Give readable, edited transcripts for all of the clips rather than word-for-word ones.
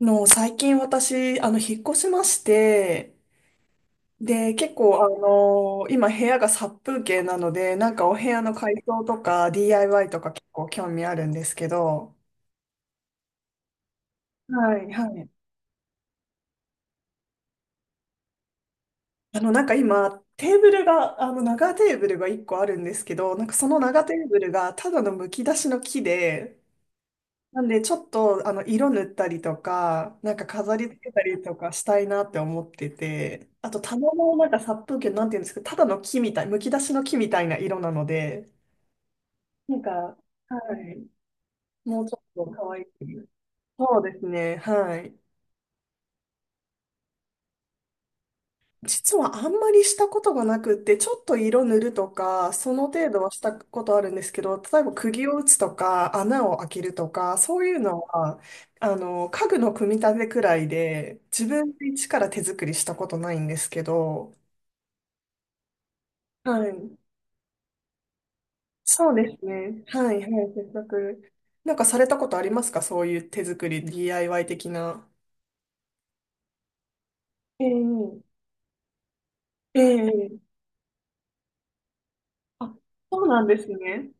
最近私、引っ越しまして、で、結構、今部屋が殺風景なので、なんかお部屋の改装とか DIY とか結構興味あるんですけど、はい、はい。なんか今、テーブルが、長テーブルが1個あるんですけど、なんかその長テーブルがただのむき出しの木で、なんで、ちょっと、色塗ったりとか、なんか飾り付けたりとかしたいなって思ってて、あと、棚もなんか殺風景、なんていうんですか、ただの木みたい、むき出しの木みたいな色なので、なんか、はい、もうちょっと可愛く。そうですね、はい。実はあんまりしたことがなくって、ちょっと色塗るとか、その程度はしたことあるんですけど、例えば釘を打つとか、穴を開けるとか、そういうのは、家具の組み立てくらいで、自分で一から手作りしたことないんですけど、はい。そうですね。はい、はい、なんかされたことありますか？そういう手作り、DIY 的な。ええ、ええ、あ、そうなんですね。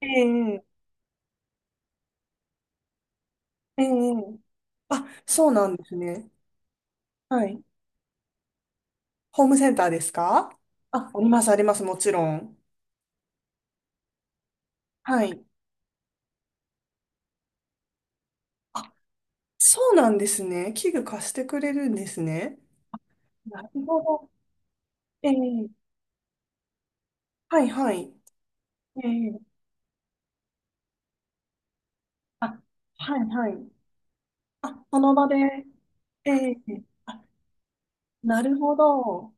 ええ、ええ、あ、そうなんですね。はい。ホームセンターですか？あ、あります、あります、もちろん。はい。あ、そうなんですね。器具貸してくれるんですね。なるほど。ええ、はい、はい。ええ、あ、はい、はい。あ、その場で、ええ、あ、なるほど。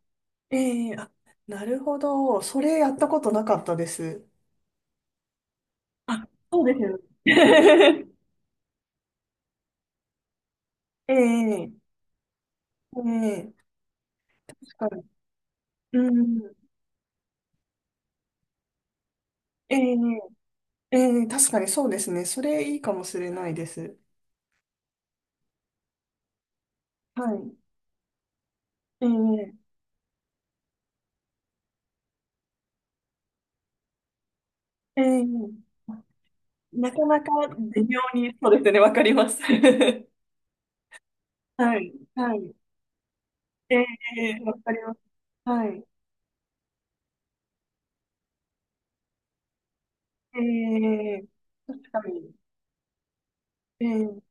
ええ、あ、なるほど。それやったことなかったです。あ、そうですよね。ええ、ええ確かに。うん。ええ、ええ確かにそうですね。それいいかもしれないです。はい。ええ、ええ なかなか微妙に、そうですね、わかります。はい、はい。ええ、わかります。はい。ええ確かに。ええ、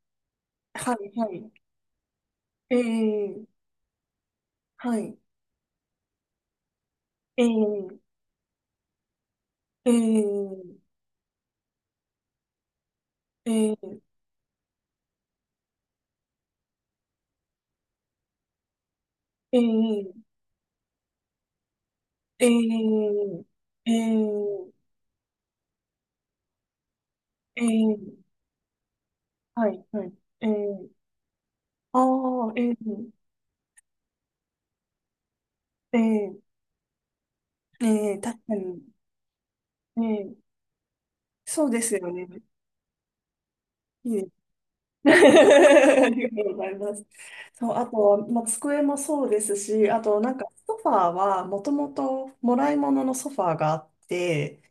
はい、はい。ええ、はい。ええ、ええ、ええ、ええ、ええ、ええ、ええ、はい、はい。ええ、ああ、ええ、ええ、ええ確かに。ええ、そうですよね。いいです。ありがとうございます。そう、あとは、まあ、机もそうですし、あと、なんか、ソファーは、もともと、もらい物のソファーがあって、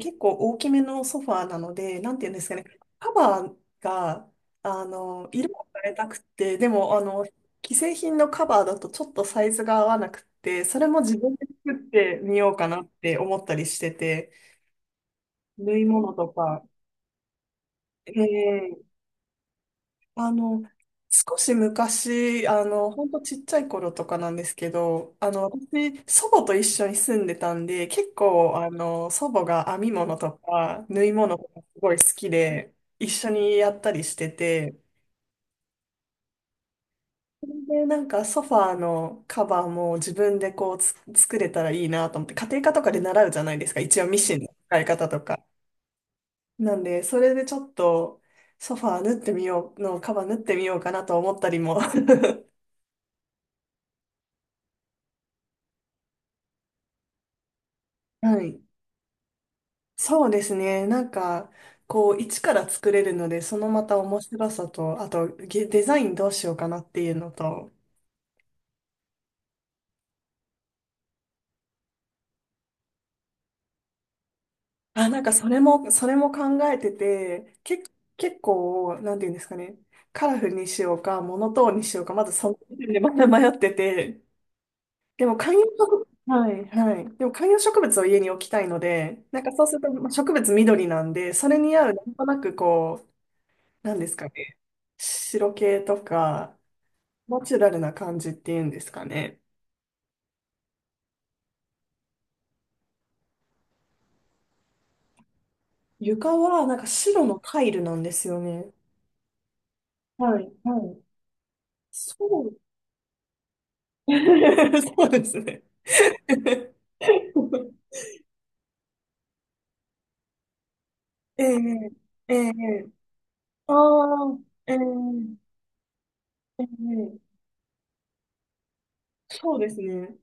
結構大きめのソファーなので、なんていうんですかね、カバーが、色を変えたくて、でも、既製品のカバーだとちょっとサイズが合わなくて、それも自分で作ってみようかなって思ったりしてて、縫い物とか、ええ、あの、少し昔、ほんとちっちゃい頃とかなんですけど、私、祖母と一緒に住んでたんで、結構、祖母が編み物とか、縫い物とかすごい好きで、一緒にやったりしてて、で、なんかソファーのカバーも自分でこうつ作れたらいいなと思って、家庭科とかで習うじゃないですか、一応ミシンの使い方とか。なんで、それでちょっと、ソファー縫ってみようの、カバー縫ってみようかなと思ったりも。はい。そうですね。なんか、こう、一から作れるので、そのまた面白さと、あと、デザインどうしようかなっていうのと、あ、なんかそれも、それも考えてて、結構、なんていうんですかね、カラフルにしようか、モノトーンにしようか、まずその時点でまた迷ってて、でも観葉植物、はい、はい。でも観葉植物を家に置きたいので、なんかそうすると、まあ植物緑なんで、それに合う、なんとなくなんですかね、白系とか、ナチュラルな感じっていうんですかね。床はなんか白のタイルなんですよね。はい、はい。そう。そうですね。ええ、ええ、ああ、ええ、ええ、そうですね。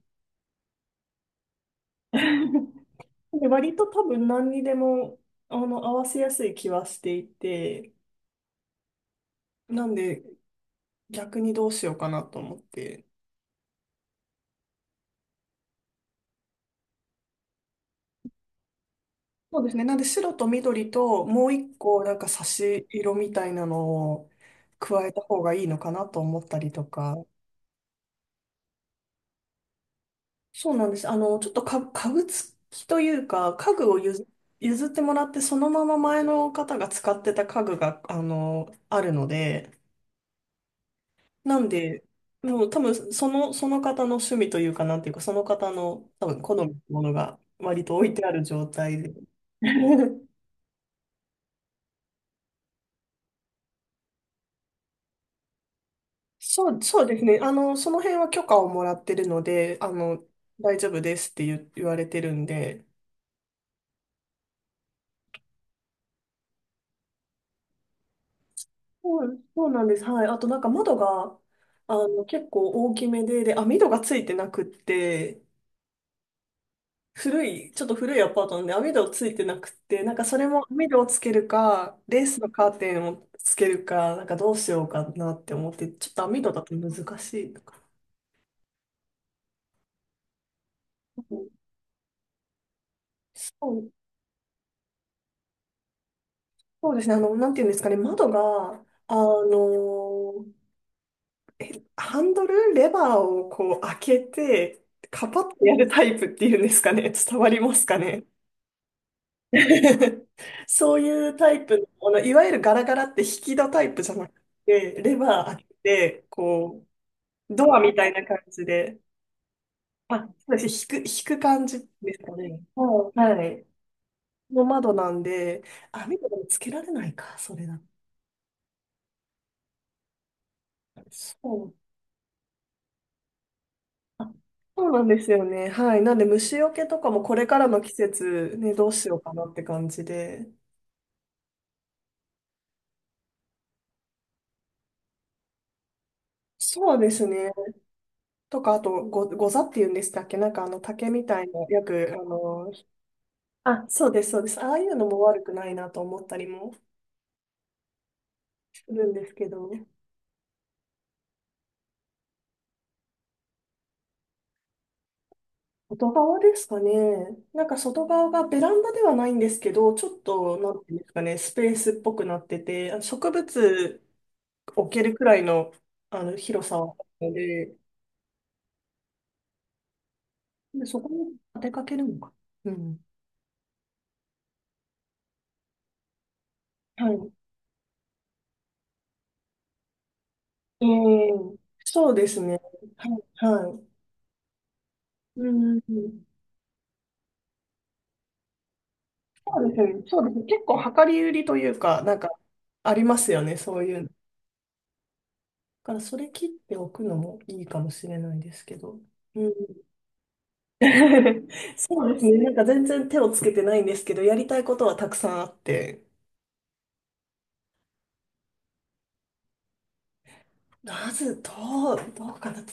で割と多分何にでも、合わせやすい気はしていて、なんで逆にどうしようかなと思って。そうですね。なんで白と緑ともう一個なんか差し色みたいなのを加えた方がいいのかなと思ったりとか。そうなんです。ちょっとか家具付きというか、家具を譲、譲ってもらって、そのまま前の方が使ってた家具が、あるので、なんで、もう多分その、その方の趣味というか、なんていうか、その方の多分好みのものが割と置いてある状態で。そう、そうですね。その辺は許可をもらってるので、大丈夫ですって言われてるんで。そう、そうなんです。はい。あとなんか窓が、結構大きめで、で、網戸がついてなくって、古い、ちょっと古いアパートなんで網戸ついてなくって、なんかそれも網戸をつけるか、レースのカーテンをつけるか、なんかどうしようかなって思って、ちょっと網戸だと難しいとか。うん、そう、そうですね。なんていうんですかね。窓が、ハンドル、レバーをこう開けて、カパッとやるタイプっていうんですかね。伝わりますかね。そういうタイプの、いわゆるガラガラって引き戸タイプじゃなくて、レバー開けて、こう、ドアみたいな感じで、あ、そうですね、引く、引く感じですかね。うん、はい。の窓なんで、網とかもつけられないか、それだったら。そう、あ、そうなんですよね。はい。なんで虫除けとかもこれからの季節ね、どうしようかなって感じで。そうですね。とか、あと、ござっていうんでしたっけ？なんかあの竹みたいな、よく、あ、そうです、そうです。ああいうのも悪くないなと思ったりもするんですけど。外側ですかね。なんか外側がベランダではないんですけど、ちょっと、なんていうんですかね、スペースっぽくなってて、あの植物置けるくらいの、あの広さはあるので、で、そこに当てかけるのか。うん。はい。うん。そうですね。はい。はい。うん。そうですね。そうですね。結構量り売りというか、なんか、ありますよね。そういうの。だから、それ切っておくのもいいかもしれないですけど。うん。そうですね。なんか全然手をつけてないんですけど、やりたいことはたくさんあって。まず、どうかな。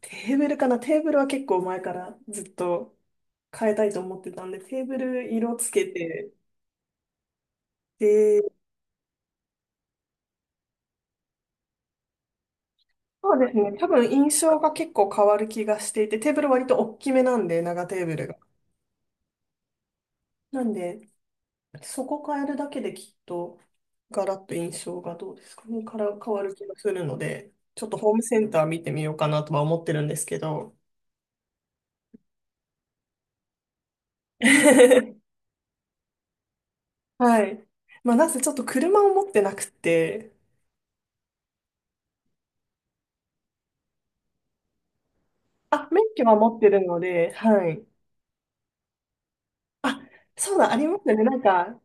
テーブルかな。テーブルは結構前からずっと変えたいと思ってたんで、テーブル色つけて、で、そうですね、多分印象が結構変わる気がしていて、テーブル割と大きめなんで、長テーブルが。なんで、そこ変えるだけできっと、ガラッと印象がどうですかね、から変わる気がするので、ちょっとホームセンター見てみようかなとは思ってるんですけど。はい。まあ、なぜちょっと車を持ってなくて、あ、免許は持ってるので、はい。あ、そうだ、ありますよね。なんか、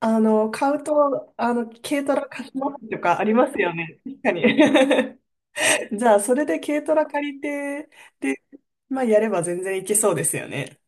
買うと、軽トラ貸しますとかありますよね。確かに。じゃあ、それで軽トラ借りて、で、まあ、やれば全然いけそうですよね。